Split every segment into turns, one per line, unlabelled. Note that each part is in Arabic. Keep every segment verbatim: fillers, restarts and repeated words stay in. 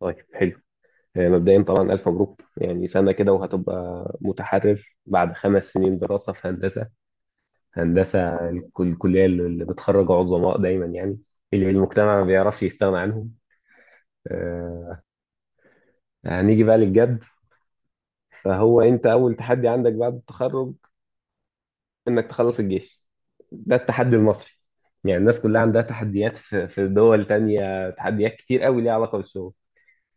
طيب، حلو. آه، مبدئيا طبعا، ألف مبروك، يعني سنة كده وهتبقى متحرر بعد خمس سنين دراسة في هندسة. هندسة الكل- الكلية اللي بتخرج عظماء دايما، يعني اللي المجتمع ما بيعرفش يستغنى عنهم. آه، هنيجي بقى للجد. فهو أنت أول تحدي عندك بعد التخرج، إنك تخلص الجيش. ده التحدي المصري، يعني الناس كلها عندها تحديات في في دول تانية، تحديات كتير قوي ليها علاقة بالشغل.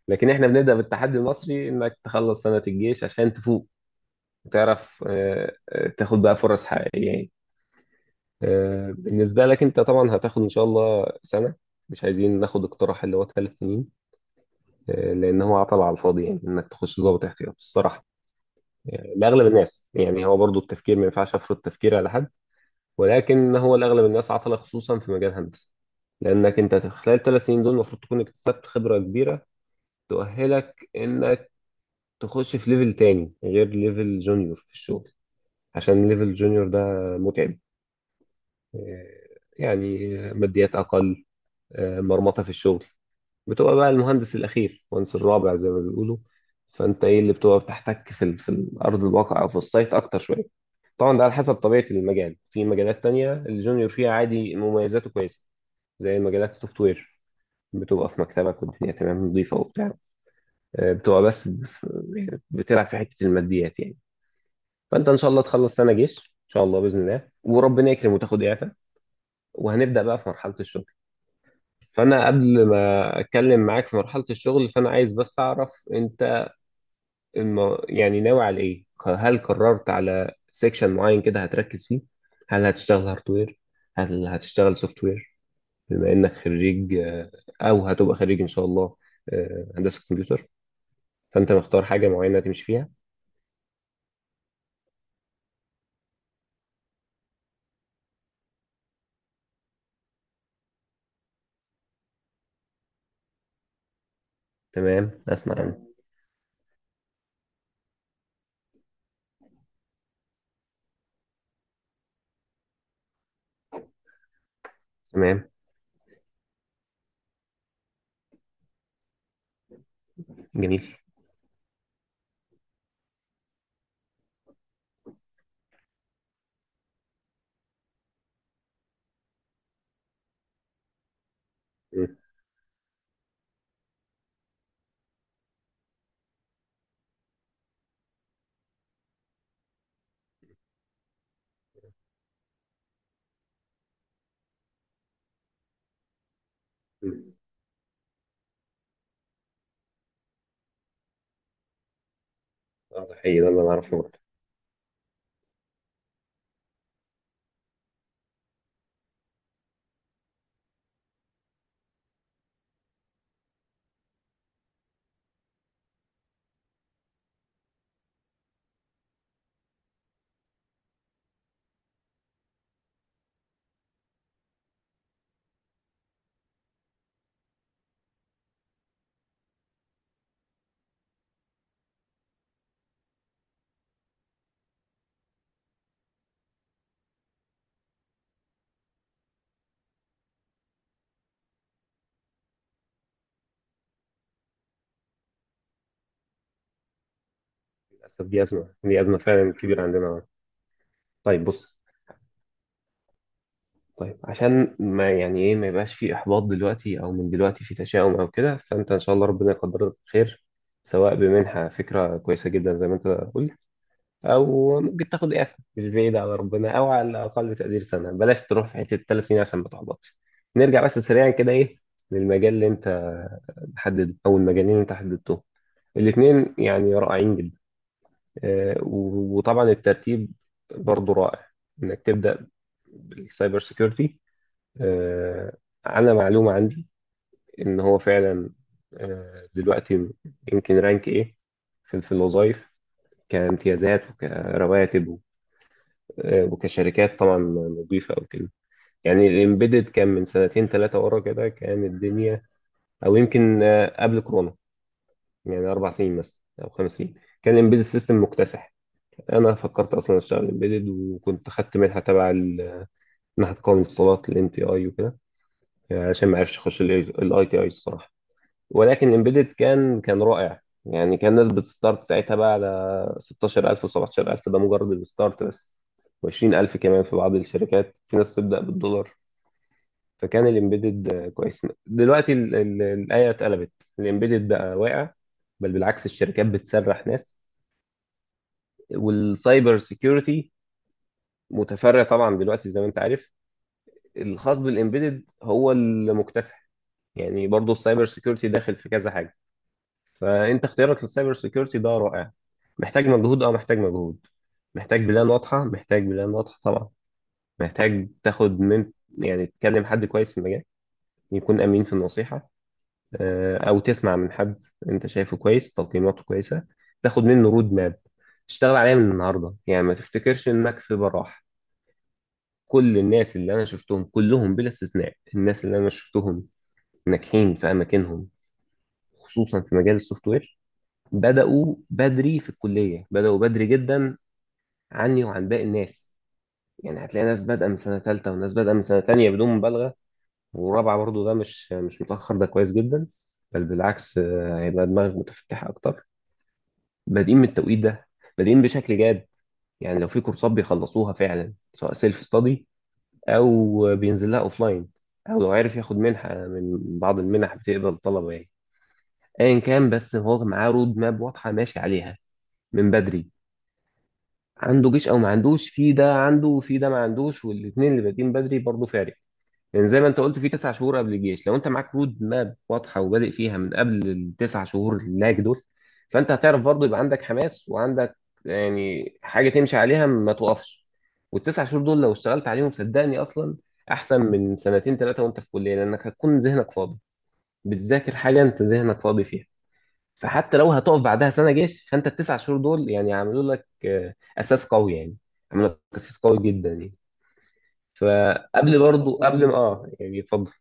لكن احنا بنبدأ بالتحدي المصري، انك تخلص سنة الجيش عشان تفوق وتعرف آه، آه، تاخد بقى فرص حقيقية يعني. آه، بالنسبة لك أنت طبعا هتاخد إن شاء الله سنة، مش عايزين ناخد اقتراح اللي هو ثلاث سنين. آه، لأن هو عطل على الفاضي، يعني إنك تخش ضابط احتياط الصراحة. آه، لأغلب الناس، يعني هو برضو التفكير ما ينفعش أفرض تفكير على حد، ولكن هو لأغلب الناس عطل، خصوصا في مجال الهندسة. لأنك أنت خلال ثلاث سنين دول المفروض تكون اكتسبت خبرة كبيرة تؤهلك إنك تخش في ليفل تاني غير ليفل جونيور في الشغل. عشان ليفل جونيور ده متعب، يعني ماديات أقل، مرمطة في الشغل، بتبقى بقى المهندس الأخير، المهندس الرابع زي ما بيقولوا. فأنت إيه اللي بتبقى بتحتك في ال- في الأرض الواقع أو في السايت أكتر شوية. طبعا ده على حسب طبيعة المجال، في مجالات تانية الجونيور فيها عادي، مميزاته كويسة، زي مجالات السوفت وير، بتبقى في مكتبك والدنيا تمام نظيفة وبتاع. آه، بتبقى بس بف- بتلعب في حتة الماديات يعني. فأنت إن شاء الله تخلص سنة جيش إن شاء الله بإذن الله، وربنا يكرم وتاخد إعفاء، وهنبدأ بقى في مرحلة الشغل. فانا قبل ما اتكلم معاك في مرحله الشغل، فانا عايز بس اعرف انت الم... يعني ناوي على ايه، ق- هل قررت على سيكشن معين كده هتركز فيه؟ هل هتشتغل هاردوير؟ هل هتشتغل سوفت وير؟ بما انك خريج، آه، او هتبقى خريج ان شاء الله، آه، هندسه كمبيوتر، فانت مختار حاجه معينه تمشي فيها؟ تمام، اسمع عنها. تمام. جميل. م- م. اه، ده حقيقي، ده اللي انا اعرفه برضه. للاسف دي ازمه، دي ازمه فعلا كبيره عندنا. طيب، بص. طيب، عشان ما يعني ايه ما يبقاش في احباط دلوقتي او من دلوقتي في تشاؤم او كده، فانت ان شاء الله ربنا يقدرك خير، سواء بمنحة، فكرة كويسة جدا زي ما انت قلت، او ممكن تاخد اعفاء مش بعيد على ربنا، او على الاقل تقدير سنة، بلاش تروح في حتة ثلاث سنين عشان ما تحبطش. نرجع بس سريعا كده، ايه للمجال اللي انت حدد او المجالين اللي انت حددتهم. الاثنين يعني رائعين جدا. آه، و- وطبعا الترتيب برضو رائع، انك تبدا بالسايبر سيكيورتي. آه، انا معلومه عندي ان هو فعلا آه، دلوقتي يمكن رانك ايه في في الوظائف، كامتيازات وكرواتب، آه، وكشركات طبعا نظيفه او كده. يعني الامبيدد كان من سنتين ثلاثه ورا كده، كان الدنيا، او يمكن آه، قبل كورونا، يعني اربع سنين مثلا او خمس سنين، كان الامبيدد سيستم مكتسح. انا فكرت اصلا اشتغل امبيدد، وكنت خدت منحه تبع ال- منحه قوائم الاتصالات الام تي اي وكده. آه، عشان ما عرفش اخش الاي تي اي الصراحه. ولكن الامبيدد كان كان رائع، يعني كان الناس بتستارت ساعتها بقى على ستاشر ألف و17000، ده مجرد الستارت بس، و20000 كمان في بعض الشركات، في ناس تبدأ بالدولار. فكان الامبيدد كويس. دلوقتي ال- ال- الآية اتقلبت، الامبيدد بقى واقع، بل بالعكس الشركات بتسرح ناس. والسايبر سيكيورتي متفرع طبعا دلوقتي زي ما انت عارف، الخاص بالامبيدد هو المكتسح. يعني برضه السايبر سيكيورتي داخل في كذا حاجة. فانت اختيارك للسايبر سيكيورتي ده رائع. محتاج مجهود، اه محتاج مجهود، محتاج بلان واضحه، محتاج بلان واضحه طبعا. محتاج تاخد من، يعني تكلم حد كويس في المجال يكون امين في النصيحه، آه، او تسمع من حد انت شايفه كويس تقييماته كويسه، تاخد منه رود ماب تشتغل عليها من النهارده، يعني ما تفتكرش انك في براح. كل الناس اللي انا شفتهم كلهم بلا استثناء، الناس اللي انا شفتهم ناجحين في اماكنهم، خصوصا في مجال السوفت وير، بدأوا بدري في الكلية، بدأوا بدري جدا عني وعن باقي الناس. يعني هتلاقي ناس بادئة من سنة تالتة وناس بادئة من سنة تانية بدون مبالغة، ورابعة برضو، ده مش مش متأخر، ده كويس جدا، بل بالعكس، آه، هيبقى دماغك متفتحة أكتر. بادئين من التوقيت ده، بادئين بشكل جاد، يعني لو في كورسات بيخلصوها فعلا، سواء سيلف ستادي، أو بينزل لها أوفلاين، أو لو عرف ياخد منحة من بعض المنح بتقبل الطلبة يعني، أيا كان، بس هو معاه رود ماب واضحة ماشي عليها من بدري. عنده جيش او ما عندوش، في ده عنده وفي ده ما عندوش، والاثنين اللي بادئين بدري برضه فارق. لان زي ما انت قلت، في تسع شهور قبل الجيش، لو انت معاك رود ماب واضحه وبادئ فيها من قبل التسع شهور اللاج دول، فانت هتعرف برضه يبقى عندك حماس وعندك، يعني حاجه تمشي عليها ما توقفش. والتسع شهور دول لو اشتغلت عليهم صدقني، اصلا احسن من سنتين ثلاثه وانت في كليه، لانك هتكون ذهنك فاضي بتذاكر حاجه انت ذهنك فاضي فيها. فحتى لو هتقف بعدها سنه جيش، فانت التسع شهور دول يعني عملوا لك آه، اساس قوي يعني، عملوا لك اساس قوي جدا يعني. فقبل برضو، قبل ما اه يعني اتفضل.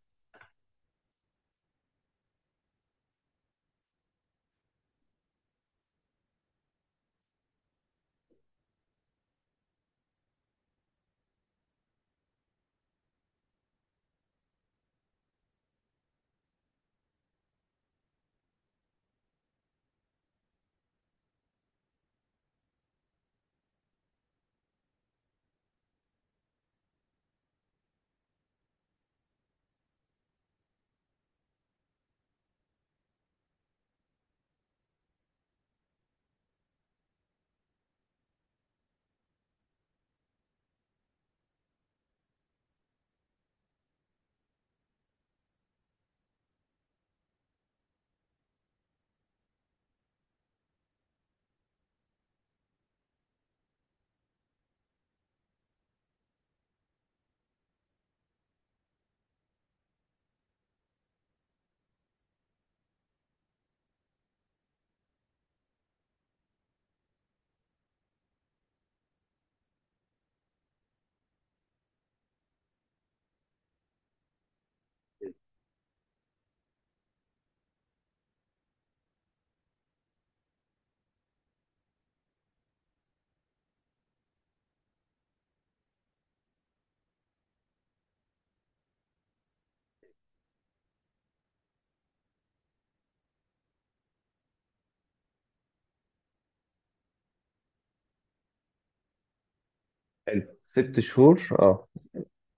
حلو، ست شهور اه.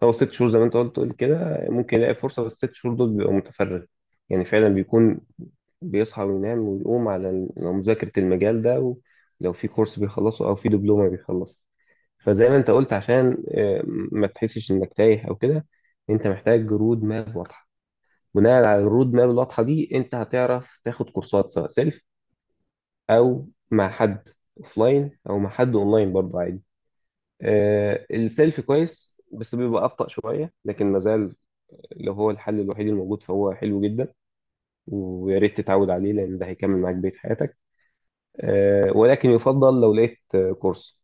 هو ست شهور زي ما انت قلت قلت كده ممكن يلاقي فرصه، بس الست شهور دول بيبقى متفرغ، يعني فعلا بيكون بيصحى وينام ويقوم على ال- مذاكره المجال ده، ولو في كورس بيخلصه او في دبلومه بيخلصه. فزي ما انت قلت عشان آه، ما تحسش انك تايه او كده، انت محتاج جرود ما واضحه، بناء على الرود ماب الواضحه دي انت هتعرف تاخد كورسات سواء سيلف، او مع حد اوفلاين او مع حد اونلاين برضه عادي. آه، السيلف كويس بس بيبقى ابطأ شويه، لكن مازال لو هو الحل الوحيد الموجود فهو حلو جدا، ويا ريت تتعود عليه لان ده هيكمل معاك بقيه حياتك. آه، ولكن يفضل لو لقيت آه، كورس،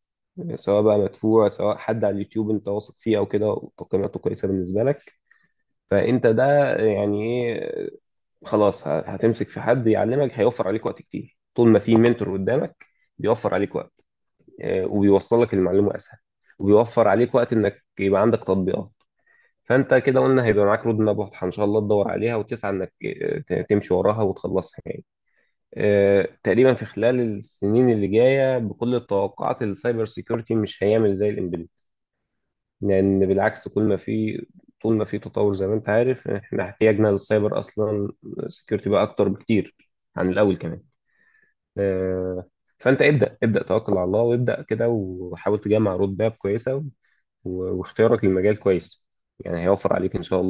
آه، سواء بقى مدفوع، سواء حد على اليوتيوب انت واثق فيه او كده وتقييماته كويسه بالنسبه لك، فانت ده يعني ايه، خلاص ه- هتمسك في حد يعلمك، هيوفر عليك وقت كتير. طول ما في منتور قدامك، بيوفر عليك وقت، آه، وبيوصل لك المعلومة أسهل، وبيوفر عليك وقت إنك يبقى عندك تطبيقات. فأنت كده قلنا هيبقى معاك رود ماب واضحة إن شاء الله، تدور عليها وتسعى إنك آه، ت- تمشي وراها وتخلصها يعني. آه، تقريبا في خلال السنين اللي جاية بكل التوقعات، السايبر سيكيورتي مش هيعمل زي الإمبيدد، لان بالعكس كل ما في، طول ما في تطور زي ما انت عارف، احنا احتياجنا للسايبر اصلا سكيورتي بقى اكتر بكتير عن الاول كمان. آه، فانت ابدا ابدا توكل على الله وابدا كده، وحاول تجمع رود ماب كويسه، و- واختيارك للمجال كويس، يعني هيوفر عليك ان شاء الله.